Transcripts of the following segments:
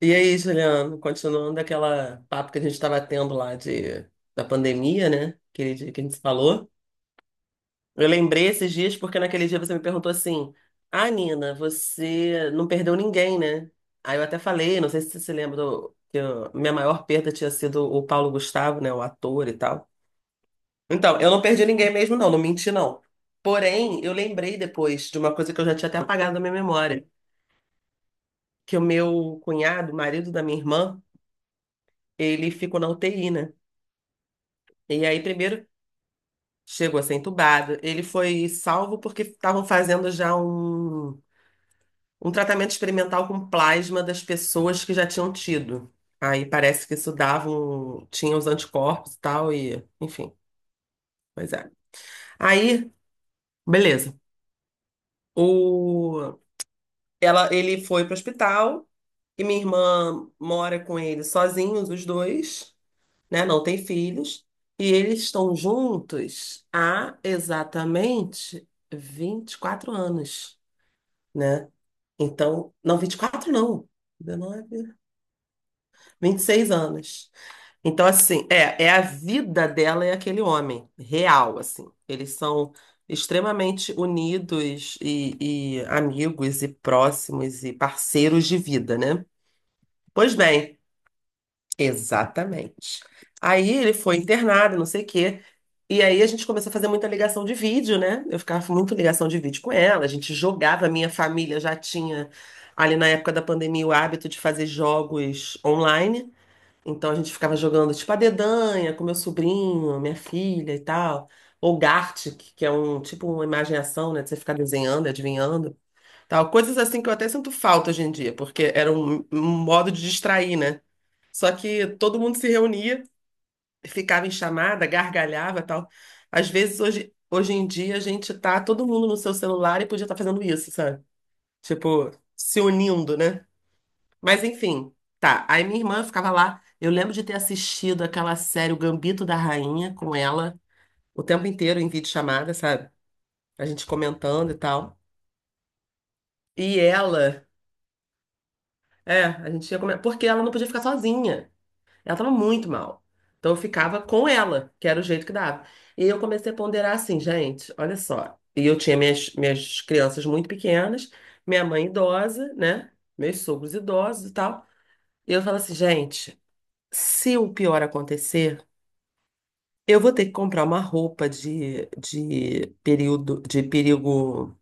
E aí, Juliano, continuando aquela papo que a gente estava tendo lá da pandemia, né? Aquele dia que a gente se falou. Eu lembrei esses dias porque naquele dia você me perguntou assim: Ah, Nina, você não perdeu ninguém, né? Aí eu até falei, não sei se você se lembra, que minha maior perda tinha sido o Paulo Gustavo, né? O ator e tal. Então, eu não perdi ninguém mesmo, não, não menti, não. Porém, eu lembrei depois de uma coisa que eu já tinha até apagado da minha memória: que o meu cunhado, marido da minha irmã, ele ficou na UTI, né? E aí, primeiro, chegou a ser entubado. Ele foi salvo porque estavam fazendo um tratamento experimental com plasma das pessoas que já tinham tido. Aí parece que isso dava um, tinha os anticorpos e tal, e enfim, pois é. Aí, beleza. O, ele foi pro hospital e minha irmã mora com ele sozinhos, os dois. Né? Não tem filhos. E eles estão juntos há exatamente 24 anos, né? Então, não, 24 não. Dezenove, vinte e seis anos. Então, assim, é a vida dela e aquele homem, real, assim. Eles são extremamente unidos e amigos e próximos e parceiros de vida, né? Pois bem, exatamente. Aí ele foi internado, não sei o quê. E aí a gente começou a fazer muita ligação de vídeo, né? Eu ficava muito ligação de vídeo com ela, a gente jogava, minha família já tinha ali na época da pandemia o hábito de fazer jogos online. Então a gente ficava jogando tipo a dedanha com meu sobrinho, minha filha e tal. Ou Gartic, que é um tipo uma imagem e ação, né? De você ficar desenhando, adivinhando, tal. Coisas assim que eu até sinto falta hoje em dia, porque era um modo de distrair, né? Só que todo mundo se reunia, ficava em chamada, gargalhava e tal. Às vezes, hoje em dia, a gente tá todo mundo no seu celular e podia estar fazendo isso, sabe? Tipo, se unindo, né? Mas enfim, tá. Aí minha irmã ficava lá. Eu lembro de ter assistido aquela série O Gambito da Rainha com ela o tempo inteiro em videochamada, sabe? A gente comentando e tal. E ela, é, a gente ia comentar, porque ela não podia ficar sozinha. Ela tava muito mal. Então eu ficava com ela, que era o jeito que dava. E eu comecei a ponderar assim, gente, olha só. E eu tinha minhas crianças muito pequenas, minha mãe idosa, né? Meus sogros idosos e tal. E eu falo assim, gente, se o pior acontecer, eu vou ter que comprar uma roupa de período, de perigo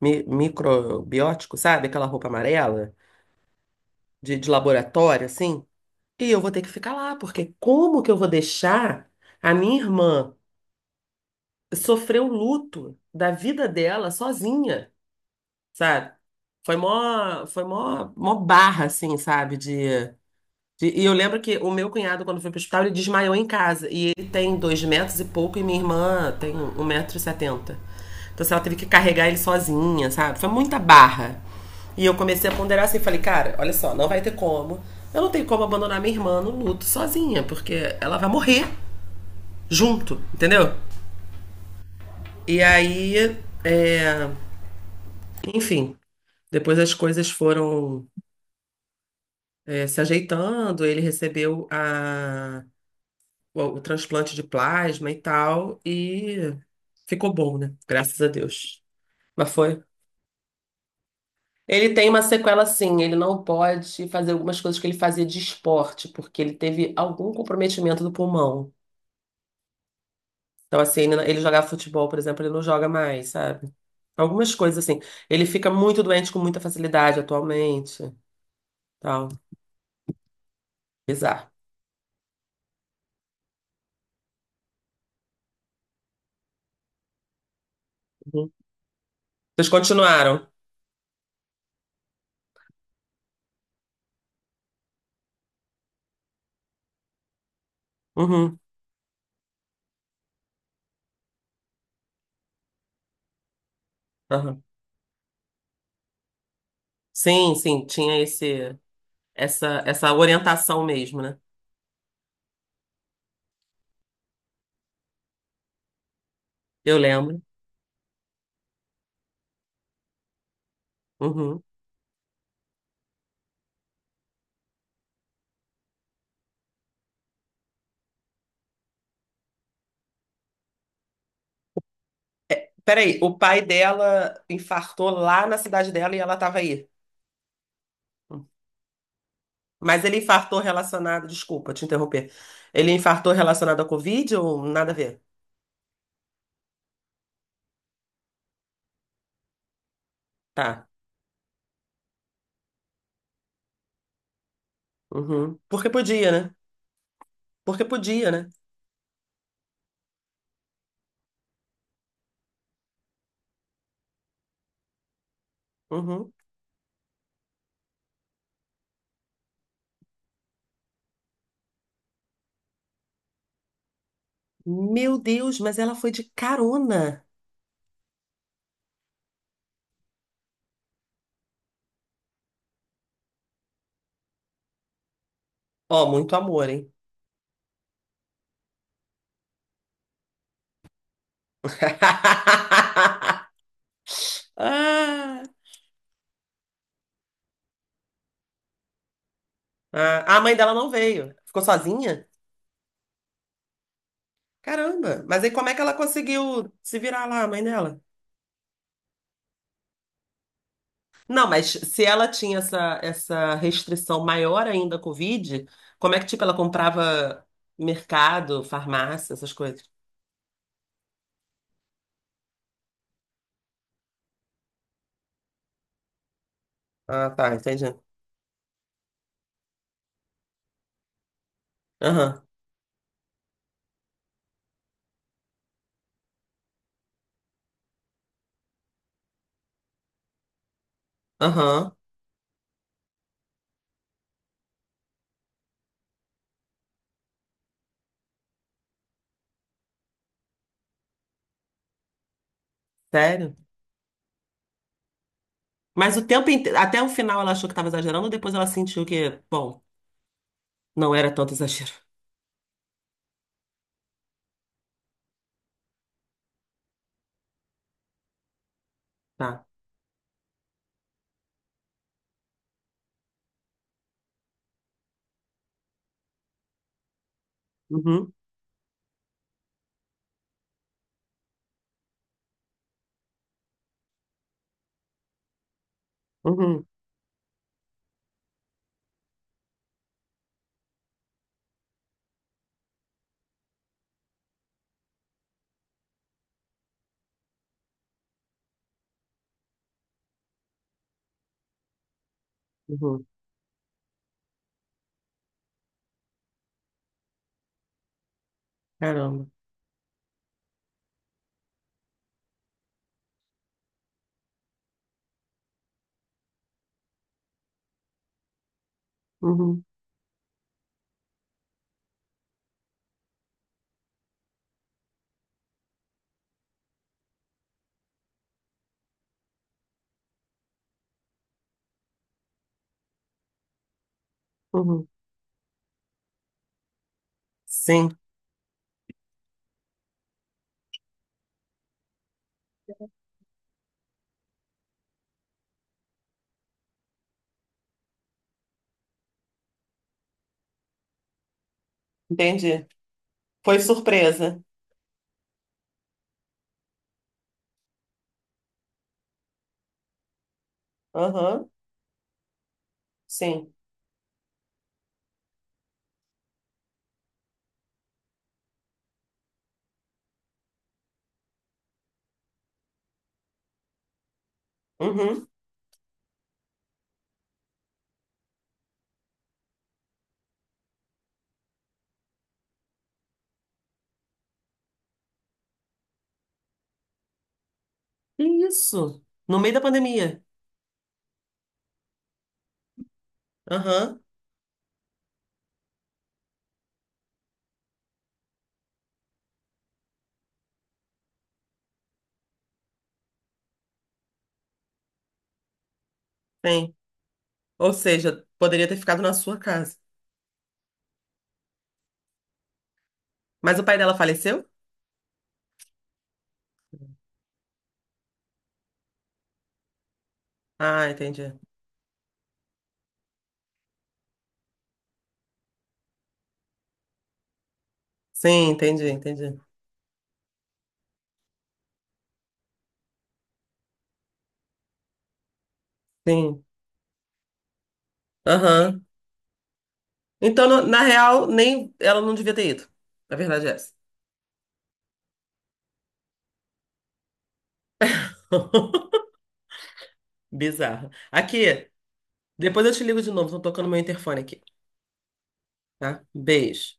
microbiótico, sabe? Aquela roupa amarela, de laboratório, assim. E eu vou ter que ficar lá, porque como que eu vou deixar a minha irmã sofrer o luto da vida dela sozinha, sabe? Foi mó, foi mó barra, assim, sabe? De e eu lembro que o meu cunhado, quando foi pro hospital, ele desmaiou em casa. E ele tem dois metros e pouco, e minha irmã tem um metro e setenta. Então, assim, ela teve que carregar ele sozinha, sabe? Foi muita barra. E eu comecei a ponderar assim, falei, cara, olha só, não vai ter como. Eu não tenho como abandonar minha irmã no luto sozinha, porque ela vai morrer junto, entendeu? E aí, é, enfim, depois as coisas foram é, se ajeitando, ele recebeu a o transplante de plasma e tal, e ficou bom, né? Graças a Deus. Mas foi. Ele tem uma sequela sim, ele não pode fazer algumas coisas que ele fazia de esporte, porque ele teve algum comprometimento do pulmão. Então, assim, ele jogava futebol, por exemplo, ele não joga mais, sabe? Algumas coisas assim. Ele fica muito doente com muita facilidade atualmente, tal. Bizarro. Uhum. Vocês continuaram? Uhum. Aham. Sim, sim, tinha essa orientação mesmo, né? Eu lembro. Uhum. Peraí, o pai dela infartou lá na cidade dela e ela estava aí. Mas ele infartou relacionado. Desculpa te interromper. Ele infartou relacionado à Covid ou nada a ver? Tá. Uhum. Porque podia, né? Porque podia, né? Uhum. Meu Deus, mas ela foi de carona. Ó, muito amor, hein? Ah, ah, a mãe dela não veio. Ficou sozinha? Caramba. Mas aí como é que ela conseguiu se virar lá, a mãe dela? Não, mas se ela tinha essa restrição maior ainda à Covid, como é que, tipo, ela comprava mercado, farmácia, essas coisas? Ah, tá, entendi. Aham, aham, sério? Mas o tempo até o final ela achou que estava exagerando, depois ela sentiu que, bom, não era tanto exagero. Tá. Uhum, uhum, uhum. Caramba. Uhum, uhum. Sim, entendi. Foi surpresa. Aham, sim. Uhum. Que isso? No meio da pandemia. Aham. Sim. Ou seja, poderia ter ficado na sua casa. Mas o pai dela faleceu? Ah, entendi. Sim, entendi, entendi. Sim. Aham. Então, na real, nem ela não devia ter ido. Na verdade é essa. Bizarro. Aqui, depois eu te ligo de novo. Estão tocando meu interfone aqui, tá? Beijo.